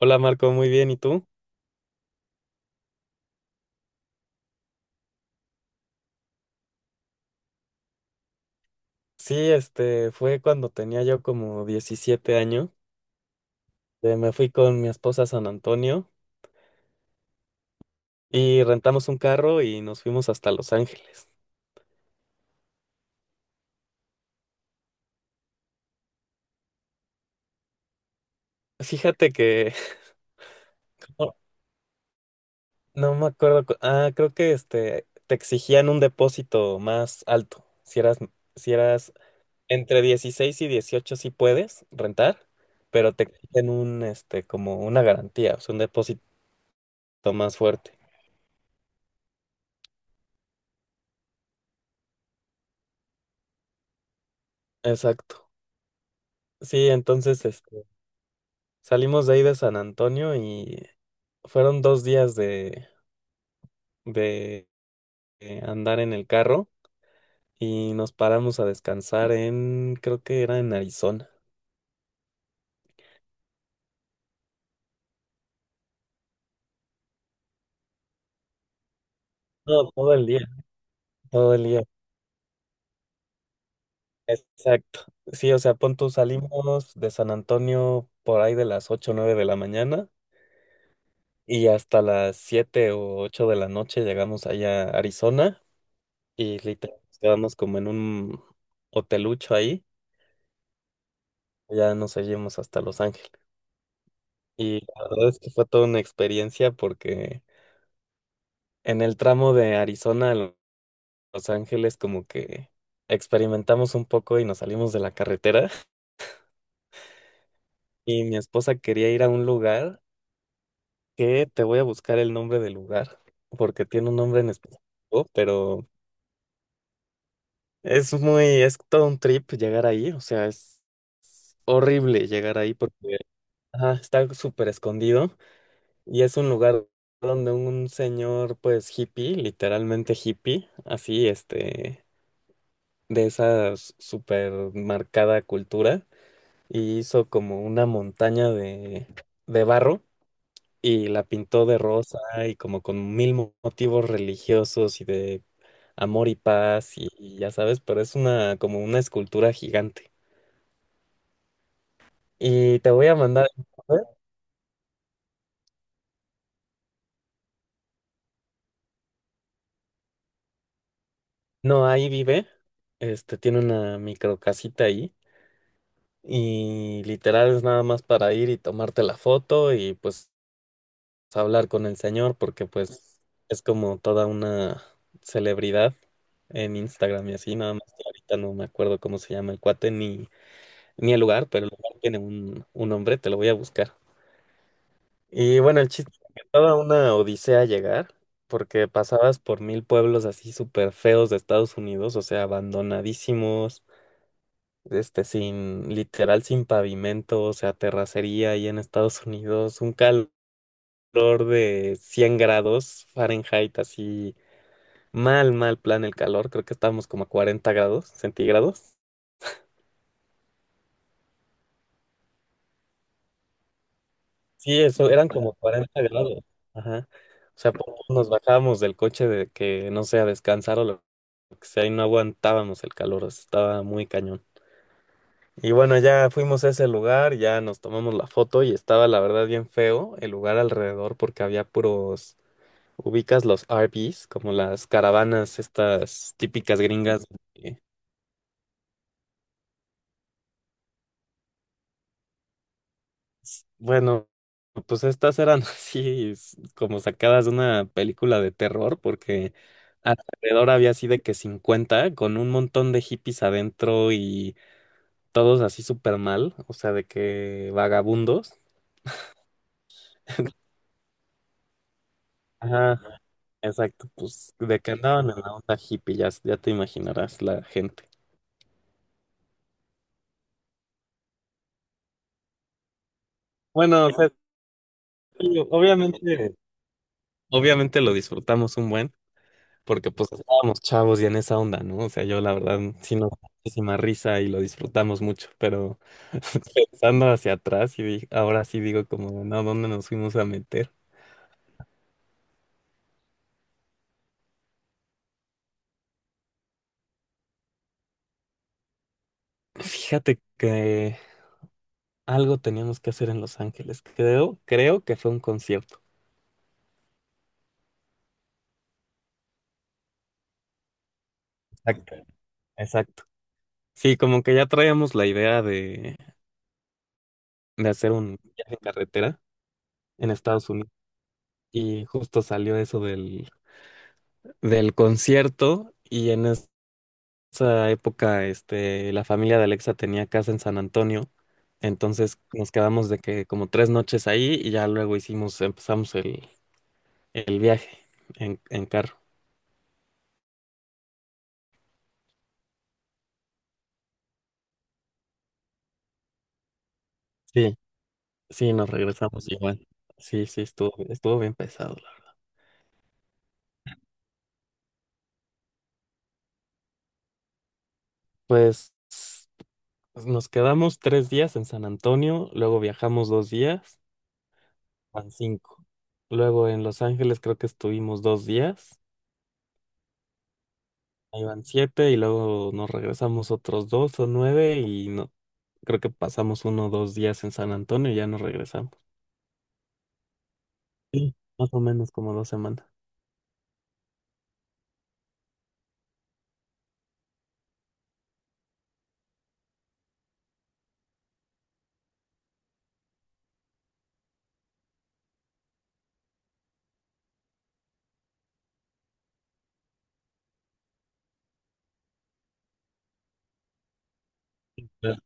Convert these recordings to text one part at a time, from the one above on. Hola Marco, muy bien, ¿y tú? Sí, este fue cuando tenía yo como 17 años. Me fui con mi esposa a San Antonio y rentamos un carro y nos fuimos hasta Los Ángeles. Fíjate que no, no me acuerdo, creo que te exigían un depósito más alto. Si eras entre 16 y 18 sí puedes rentar, pero te exigen un como una garantía, o sea, un depósito más fuerte. Exacto. Sí, entonces salimos de ahí de San Antonio y fueron 2 días de, de andar en el carro y nos paramos a descansar en, creo que era en Arizona. No, todo el día, todo el día. Exacto. Sí, o sea, pon tú, salimos de San Antonio por ahí de las 8 o 9 de la mañana y hasta las 7 o 8 de la noche llegamos allá a Arizona y literal nos quedamos como en un hotelucho ahí. Ya nos seguimos hasta Los Ángeles. Y la verdad es que fue toda una experiencia porque en el tramo de Arizona a Los Ángeles como que experimentamos un poco y nos salimos de la carretera y mi esposa quería ir a un lugar que te voy a buscar el nombre del lugar porque tiene un nombre en específico, pero es muy, es todo un trip llegar ahí, o sea, es horrible llegar ahí porque ajá, está súper escondido y es un lugar donde un señor pues hippie, literalmente hippie, así de esa super marcada cultura y hizo como una montaña de, barro y la pintó de rosa y como con mil motivos religiosos y de amor y paz y ya sabes, pero es una como una escultura gigante. Y te voy a mandar, no, ahí vive, tiene una micro casita ahí. Y literal es nada más para ir y tomarte la foto y pues a hablar con el señor porque pues es como toda una celebridad en Instagram y así, nada más que ahorita no me acuerdo cómo se llama el cuate ni, ni el lugar, pero el lugar tiene un nombre, te lo voy a buscar. Y bueno, el chiste es que toda una odisea llegar, porque pasabas por mil pueblos así súper feos de Estados Unidos, o sea, abandonadísimos, sin, literal, sin pavimento, o sea, terracería ahí en Estados Unidos, un calor calor de 100 grados Fahrenheit, así mal, mal plan el calor, creo que estábamos como a 40 grados centígrados. Sí, eso, eran como 40 grados, ajá. O sea, por poco nos bajábamos del coche de que, no sé, a descansar o lo que sea, y no aguantábamos el calor, o sea, estaba muy cañón. Y bueno, ya fuimos a ese lugar, ya nos tomamos la foto y estaba la verdad bien feo el lugar alrededor porque había puros, ubicas los RVs, como las caravanas estas típicas gringas. eh, Bueno, pues estas eran así como sacadas de una película de terror, porque alrededor había así de que 50 con un montón de hippies adentro y todos así súper mal, o sea, de que vagabundos. Ajá, exacto, pues de que andaban en la onda hippie, ya, ya te imaginarás la gente. Bueno, o sea, sí, obviamente, obviamente lo disfrutamos un buen. Porque pues estábamos chavos y en esa onda, ¿no? O sea, yo la verdad sí nos da muchísima risa y lo disfrutamos mucho, pero pensando hacia atrás y ahora sí digo como, no, ¿dónde nos fuimos a meter? Fíjate que algo teníamos que hacer en Los Ángeles, creo, creo que fue un concierto. Exacto. Exacto. Sí, como que ya traíamos la idea de hacer un viaje en carretera en Estados Unidos y justo salió eso del concierto y en esa época, la familia de Alexa tenía casa en San Antonio, entonces nos quedamos de que como 3 noches ahí y ya luego hicimos, empezamos el viaje en carro. Sí, sí, nos regresamos igual. Sí, sí, estuvo bien pesado, la verdad. Pues nos quedamos 3 días en San Antonio, luego viajamos 2 días, van cinco. Luego en Los Ángeles creo que estuvimos 2 días. Ahí van siete y luego nos regresamos otros dos o nueve y no, creo que pasamos uno o dos días en San Antonio y ya nos regresamos. Sí. Más o menos como 2 semanas. Ya.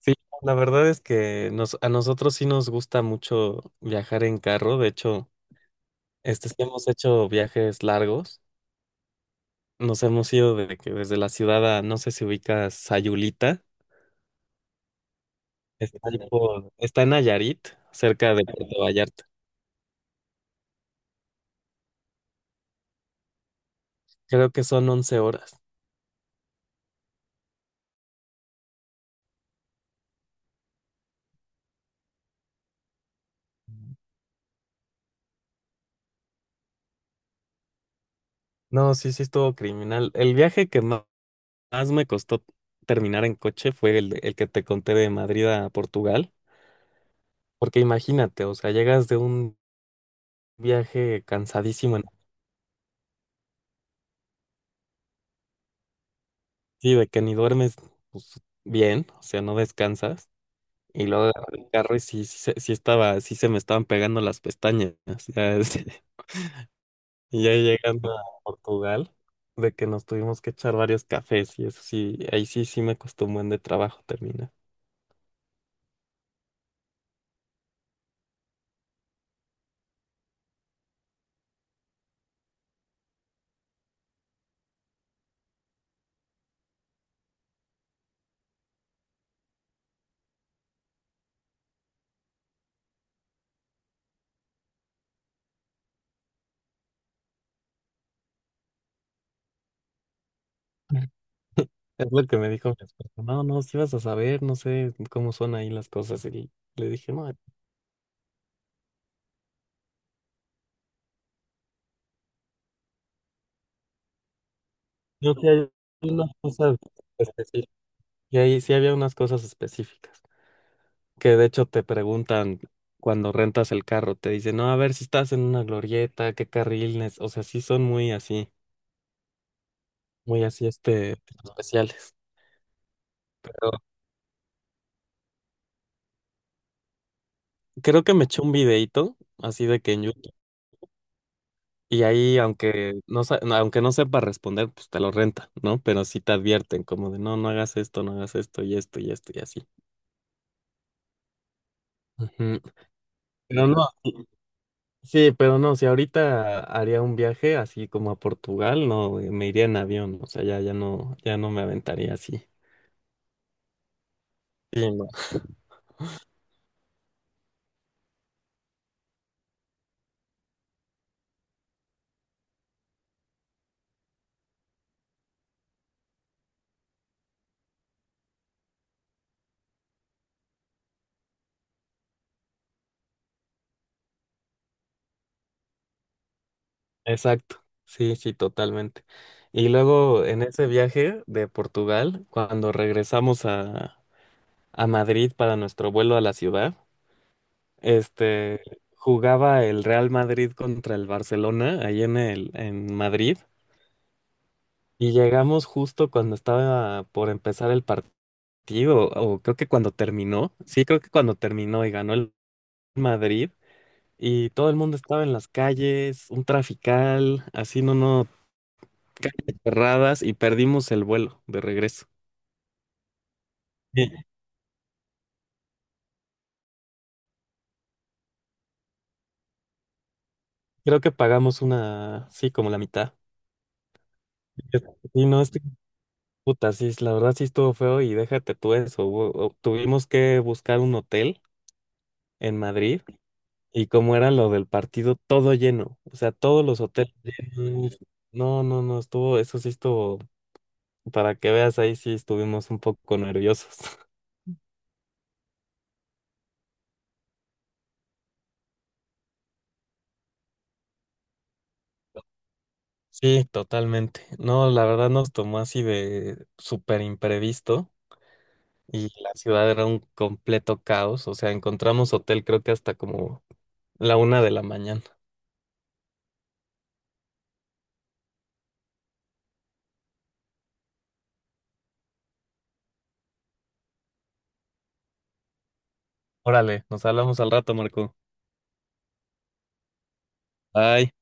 Sí, la verdad es que nos, a nosotros sí nos gusta mucho viajar en carro. De hecho, sí hemos hecho viajes largos. Nos hemos ido desde, que, desde la ciudad a, no sé si ubicas Sayulita. Está, está en Nayarit, cerca de Puerto Vallarta. Creo que son 11 horas. No, sí, sí estuvo criminal. El viaje que más me costó terminar en coche fue el que te conté de Madrid a Portugal, porque imagínate, o sea, llegas de un viaje cansadísimo, sí, de que ni duermes pues, bien, o sea, no descansas, y luego agarré el carro y sí, sí, sí estaba, sí se me estaban pegando las pestañas, ya, y ya llegando a Portugal, de que nos tuvimos que echar varios cafés, y eso sí, ahí sí, sí me costó un buen de trabajo terminar. Es lo que me dijo mi esposa. No, no, si vas a saber, no sé cómo son ahí las cosas. Y le dije, no, yo sí hay unas cosas específicas. Y ahí sí había unas cosas específicas. Que de hecho te preguntan cuando rentas el carro, te dicen, no, a ver si estás en una glorieta, qué carril, nes-". O sea, sí son muy así, especiales. Pero creo que me echó un videito así de que en YouTube. Y ahí, aunque no, aunque no sepa responder, pues te lo renta, ¿no? Pero sí te advierten, como de, no, no hagas esto, no hagas esto y esto y esto y así. Ujú. Pero no, sí, pero no, si ahorita haría un viaje así como a Portugal, no, me iría en avión, o sea, ya, ya no, ya no me aventaría así. Sí, no. Exacto, sí, sí, totalmente. Y luego en ese viaje de Portugal, cuando regresamos a Madrid para nuestro vuelo a la ciudad, Este, jugaba el Real Madrid contra el Barcelona, ahí en Madrid, y llegamos justo cuando estaba por empezar el partido, o creo que cuando terminó, sí, creo que cuando terminó y ganó el Madrid, y todo el mundo estaba en las calles, un trafical, así no, no, calles cerradas, y perdimos el vuelo de regreso. Sí, creo que pagamos una, sí, como la mitad. Y no, puta, sí, la verdad sí estuvo feo y déjate tú eso. Tuvimos que buscar un hotel en Madrid y como era lo del partido, todo lleno. O sea, todos los hoteles llenos. No, no, no, eso sí estuvo, para que veas, ahí sí estuvimos un poco nerviosos. Sí, totalmente. No, la verdad nos tomó así de súper imprevisto y la ciudad era un completo caos. O sea, encontramos hotel creo que hasta como la una de la mañana. Órale, nos hablamos al rato, Marco. Bye.